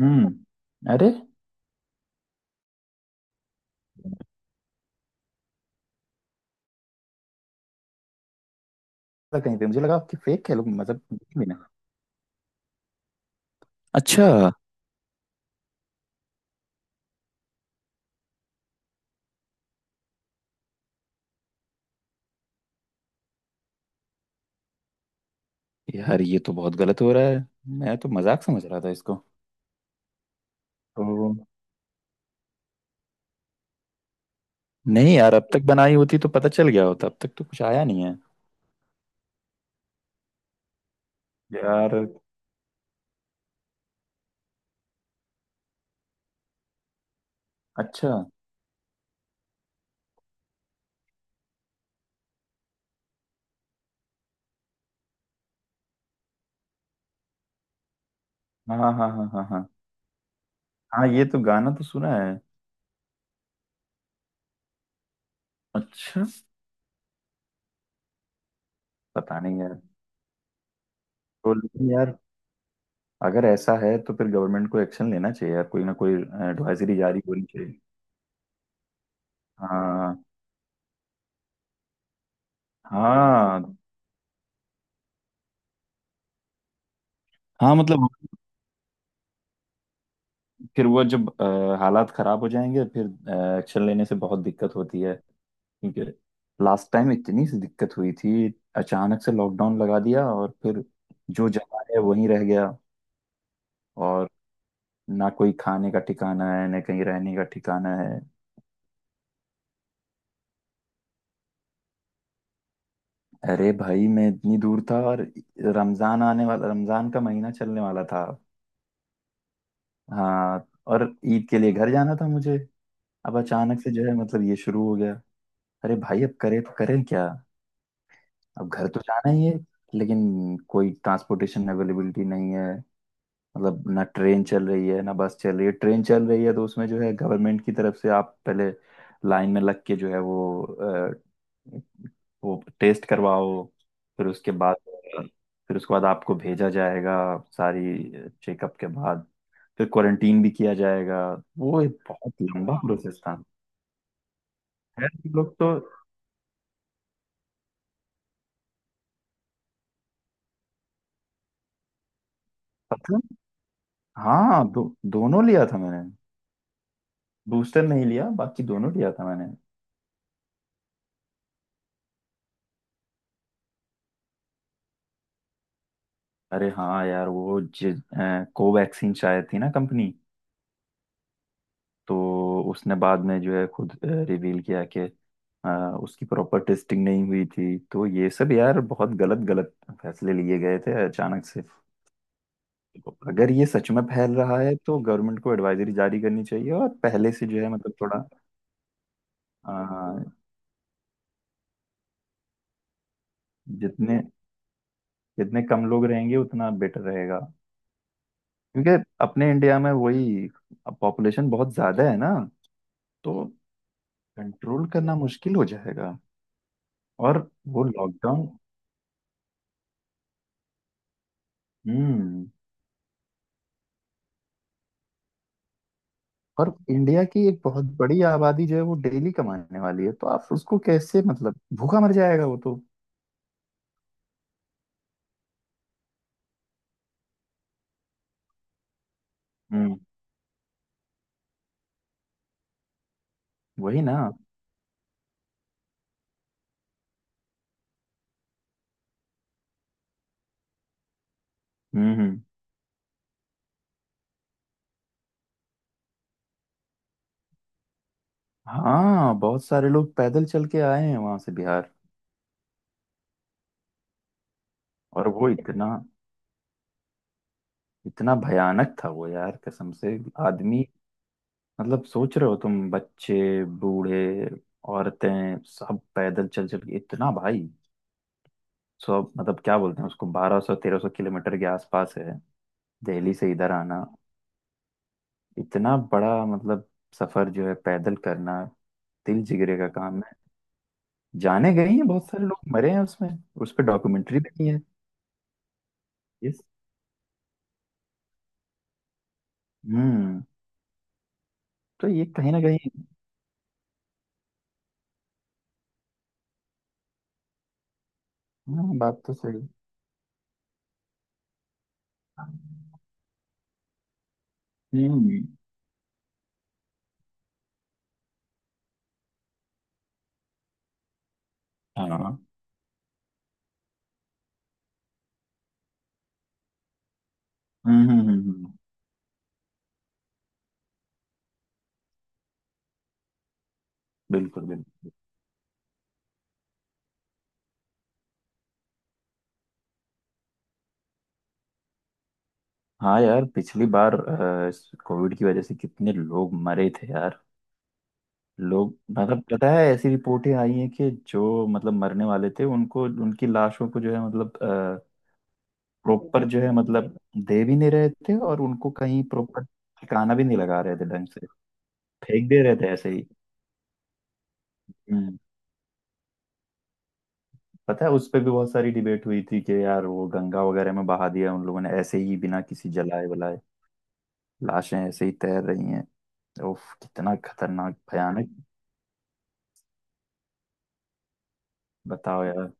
हम्म। अरे, लगा, कहीं पे मुझे लगा कि फेक है, लोग मजाक भी ना। अच्छा। यार, ये तो बहुत गलत हो रहा है। मैं तो मजाक समझ रहा था इसको। तो नहीं यार, अब तक बनाई होती तो पता चल गया होता, अब तक तो कुछ आया नहीं है। यार, अच्छा। हाँ, हाँ, हाँ, हाँ, हाँ, हाँ। हाँ, ये तो गाना तो सुना है। अच्छा। पता नहीं यार। तो लेकिन यार, अगर ऐसा है तो फिर गवर्नमेंट को एक्शन लेना चाहिए यार, कोई ना कोई एडवाइजरी जारी होनी चाहिए। हाँ, हाँ, हाँ। मतलब फिर वो जब हालात खराब हो जाएंगे, फिर एक्शन लेने से बहुत दिक्कत होती है। क्योंकि लास्ट टाइम इतनी सी दिक्कत हुई थी, अचानक से लॉकडाउन लगा दिया और फिर जो जमा है वहीं रह गया। और ना कोई खाने का ठिकाना है ना कहीं रहने का ठिकाना है। अरे भाई, मैं इतनी दूर था और रमजान आने वाला, रमजान का महीना चलने वाला था। हाँ। और ईद के लिए घर जाना था मुझे। अब अचानक से जो है मतलब ये शुरू हो गया। अरे भाई, अब करे तो करें क्या। अब घर तो जाना ही है, लेकिन कोई ट्रांसपोर्टेशन अवेलेबिलिटी नहीं है। मतलब ना ट्रेन चल रही है ना बस चल रही है, ट्रेन चल रही है तो उसमें जो है गवर्नमेंट की तरफ से आप पहले लाइन में लग के जो है वो टेस्ट करवाओ। फिर उसके बाद फिर उसके बाद आपको भेजा जाएगा, सारी चेकअप के बाद, फिर क्वारंटीन भी किया जाएगा। वो एक बहुत लंबा प्रोसेस था। खैर, हम लोग तो पता। हाँ, दोनों लिया था मैंने। बूस्टर नहीं लिया, बाकी दोनों लिया था मैंने। अरे हाँ यार वो कोवैक्सीन शायद थी ना कंपनी। तो उसने बाद में जो है खुद रिवील किया कि अ, उसकी प्रॉपर टेस्टिंग नहीं हुई थी। तो ये सब यार बहुत गलत गलत फैसले लिए गए थे अचानक से। तो अगर ये सच में फैल रहा है तो गवर्नमेंट को एडवाइजरी जारी करनी चाहिए और पहले से जो है मतलब थोड़ा, अ, जितने जितने कम लोग रहेंगे उतना बेटर रहेगा। क्योंकि अपने इंडिया में वही पॉपुलेशन बहुत ज्यादा है ना, तो कंट्रोल करना मुश्किल हो जाएगा। और वो लॉकडाउन। हम्म। और इंडिया की एक बहुत बड़ी आबादी जो है वो डेली कमाने वाली है, तो आप उसको कैसे, मतलब भूखा मर जाएगा वो तो। हम्म, वही ना। हम्म। हम्म। हाँ, बहुत सारे लोग पैदल चल के आए हैं वहां से बिहार। और वो इतना इतना भयानक था वो यार, कसम से। आदमी, मतलब सोच रहे हो तुम, बच्चे बूढ़े औरतें सब पैदल चल चल के, इतना भाई सौ मतलब क्या बोलते हैं उसको, 1200 1300 किलोमीटर के आसपास है दिल्ली से इधर आना। इतना बड़ा मतलब सफर जो है पैदल करना, दिल जिगरे का काम है। जाने गए हैं, बहुत सारे लोग मरे हैं उसमें। उस पर डॉक्यूमेंट्री बनी है। यस। हम्म। तो ये कहीं ना कहीं। हाँ, बात तो सही। हम्म। हाँ। हम्म। हम्म। बिल्कुल बिल्कुल। हाँ यार, पिछली बार कोविड की वजह से कितने लोग मरे थे यार। लोग, मतलब पता है ऐसी रिपोर्टें आई हैं कि जो मतलब मरने वाले थे उनको, उनकी लाशों को जो है मतलब प्रॉपर जो है मतलब दे भी नहीं रहे थे और उनको कहीं प्रॉपर ठिकाना भी नहीं लगा रहे थे ढंग से, फेंक दे रहे थे ऐसे ही। हम्म। पता है उस पे भी बहुत सारी डिबेट हुई थी कि यार वो गंगा वगैरह में बहा दिया उन लोगों ने ऐसे ही बिना किसी जलाए बुलाए, लाशें ऐसे ही तैर रही हैं। उफ, कितना खतरनाक भयानक। बताओ यार,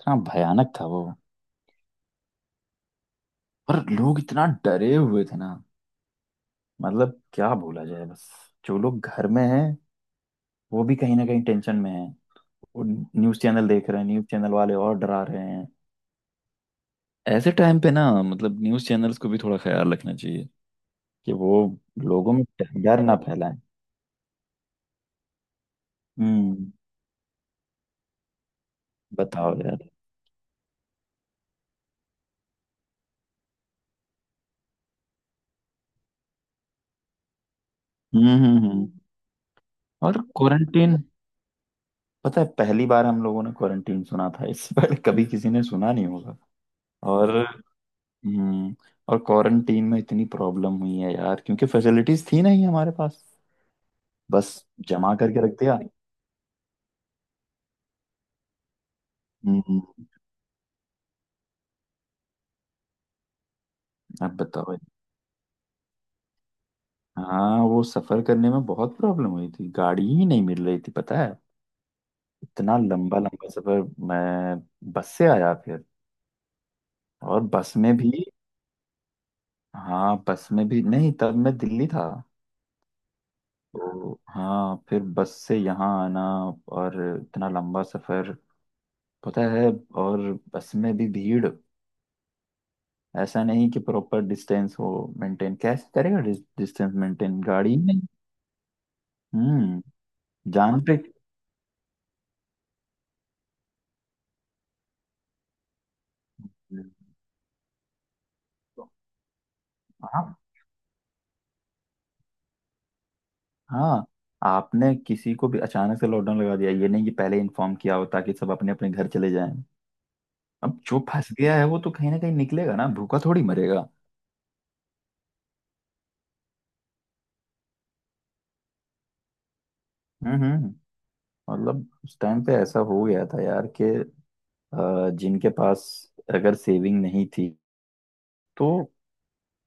इतना भयानक था वो। और लोग इतना डरे हुए थे ना, मतलब क्या बोला जाए। बस जो लोग घर में हैं वो भी कहीं ना कहीं टेंशन में हैं, वो न्यूज़ चैनल देख रहे हैं, न्यूज़ चैनल वाले और डरा रहे हैं। ऐसे टाइम पे ना, मतलब न्यूज़ चैनल्स को भी थोड़ा ख्याल रखना चाहिए कि वो लोगों में डर ना फैलाएं। हम्म। बताओ यार। हम्म, हम्म, और क्वारंटीन, पता है पहली बार हम लोगों ने क्वारंटीन सुना था, इससे पहले कभी किसी ने सुना नहीं होगा। और हम्म और क्वारंटीन में इतनी प्रॉब्लम हुई है यार, क्योंकि फैसिलिटीज थी नहीं हमारे पास, बस जमा करके रख दिया। हम्म। अब बताओ। हाँ वो सफर करने में बहुत प्रॉब्लम हुई थी, गाड़ी ही नहीं मिल रही थी पता है। इतना लंबा लंबा सफर। मैं बस से आया फिर। और बस में भी, हाँ बस में भी नहीं, तब मैं दिल्ली था। तो हाँ, फिर बस से यहाँ आना। और इतना लंबा सफर पता है। और बस में भी भीड़, ऐसा नहीं कि प्रॉपर डिस्टेंस हो। मेंटेन कैसे करेगा, डिस्टेंस मेंटेन गाड़ी में। हम्म। जान पे। हाँ, हाँ। आपने किसी को भी अचानक से लॉकडाउन लगा दिया, ये नहीं कि पहले इन्फॉर्म किया हो ताकि सब अपने अपने घर चले जाएं। अब जो फंस गया है वो तो कहीं ना कहीं निकलेगा ना, भूखा थोड़ी मरेगा। हम्म, हम्म, मतलब उस टाइम पे ऐसा हो गया था यार कि जिनके पास अगर सेविंग नहीं थी तो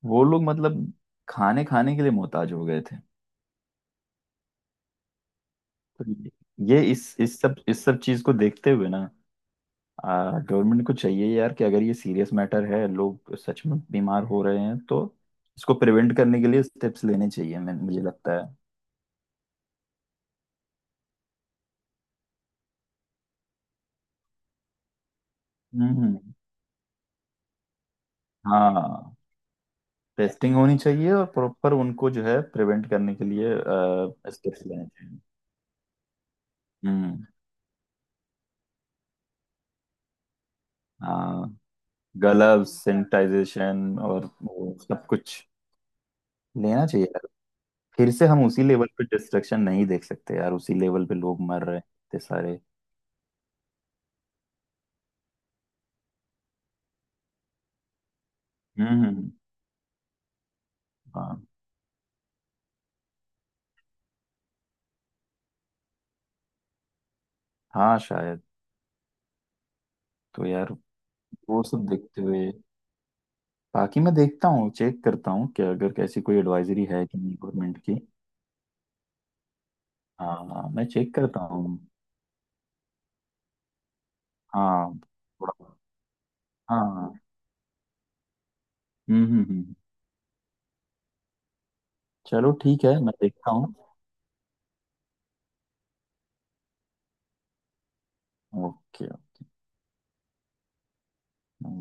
वो लोग मतलब खाने खाने के लिए मोहताज हो गए थे। तो ये इस सब चीज को देखते हुए ना, गवर्नमेंट को चाहिए यार कि अगर ये सीरियस मैटर है, लोग सच में बीमार हो रहे हैं, तो इसको प्रिवेंट करने के लिए स्टेप्स लेने चाहिए मैं मुझे लगता है। हम्म। हाँ। टेस्टिंग होनी चाहिए और प्रॉपर उनको जो है प्रिवेंट करने के लिए स्टेप्स लेने चाहिए। हम्म। हाँ। ग्लव्स सैनिटाइजेशन और वो सब कुछ लेना चाहिए यार, फिर से हम उसी लेवल पे डिस्ट्रक्शन नहीं देख सकते यार, उसी लेवल पे लोग मर रहे हैं इतने सारे। हम्म। हाँ, हाँ शायद। तो यार, वो सब देखते हुए, बाकी मैं देखता हूँ, चेक करता हूँ कि अगर कैसी कोई एडवाइजरी है कि नहीं गवर्नमेंट की। हाँ, मैं चेक करता हूँ। हाँ, थोड़ा, हाँ। हम्म, हम्म, हम्म, चलो ठीक है, मैं देखता हूँ। ओके।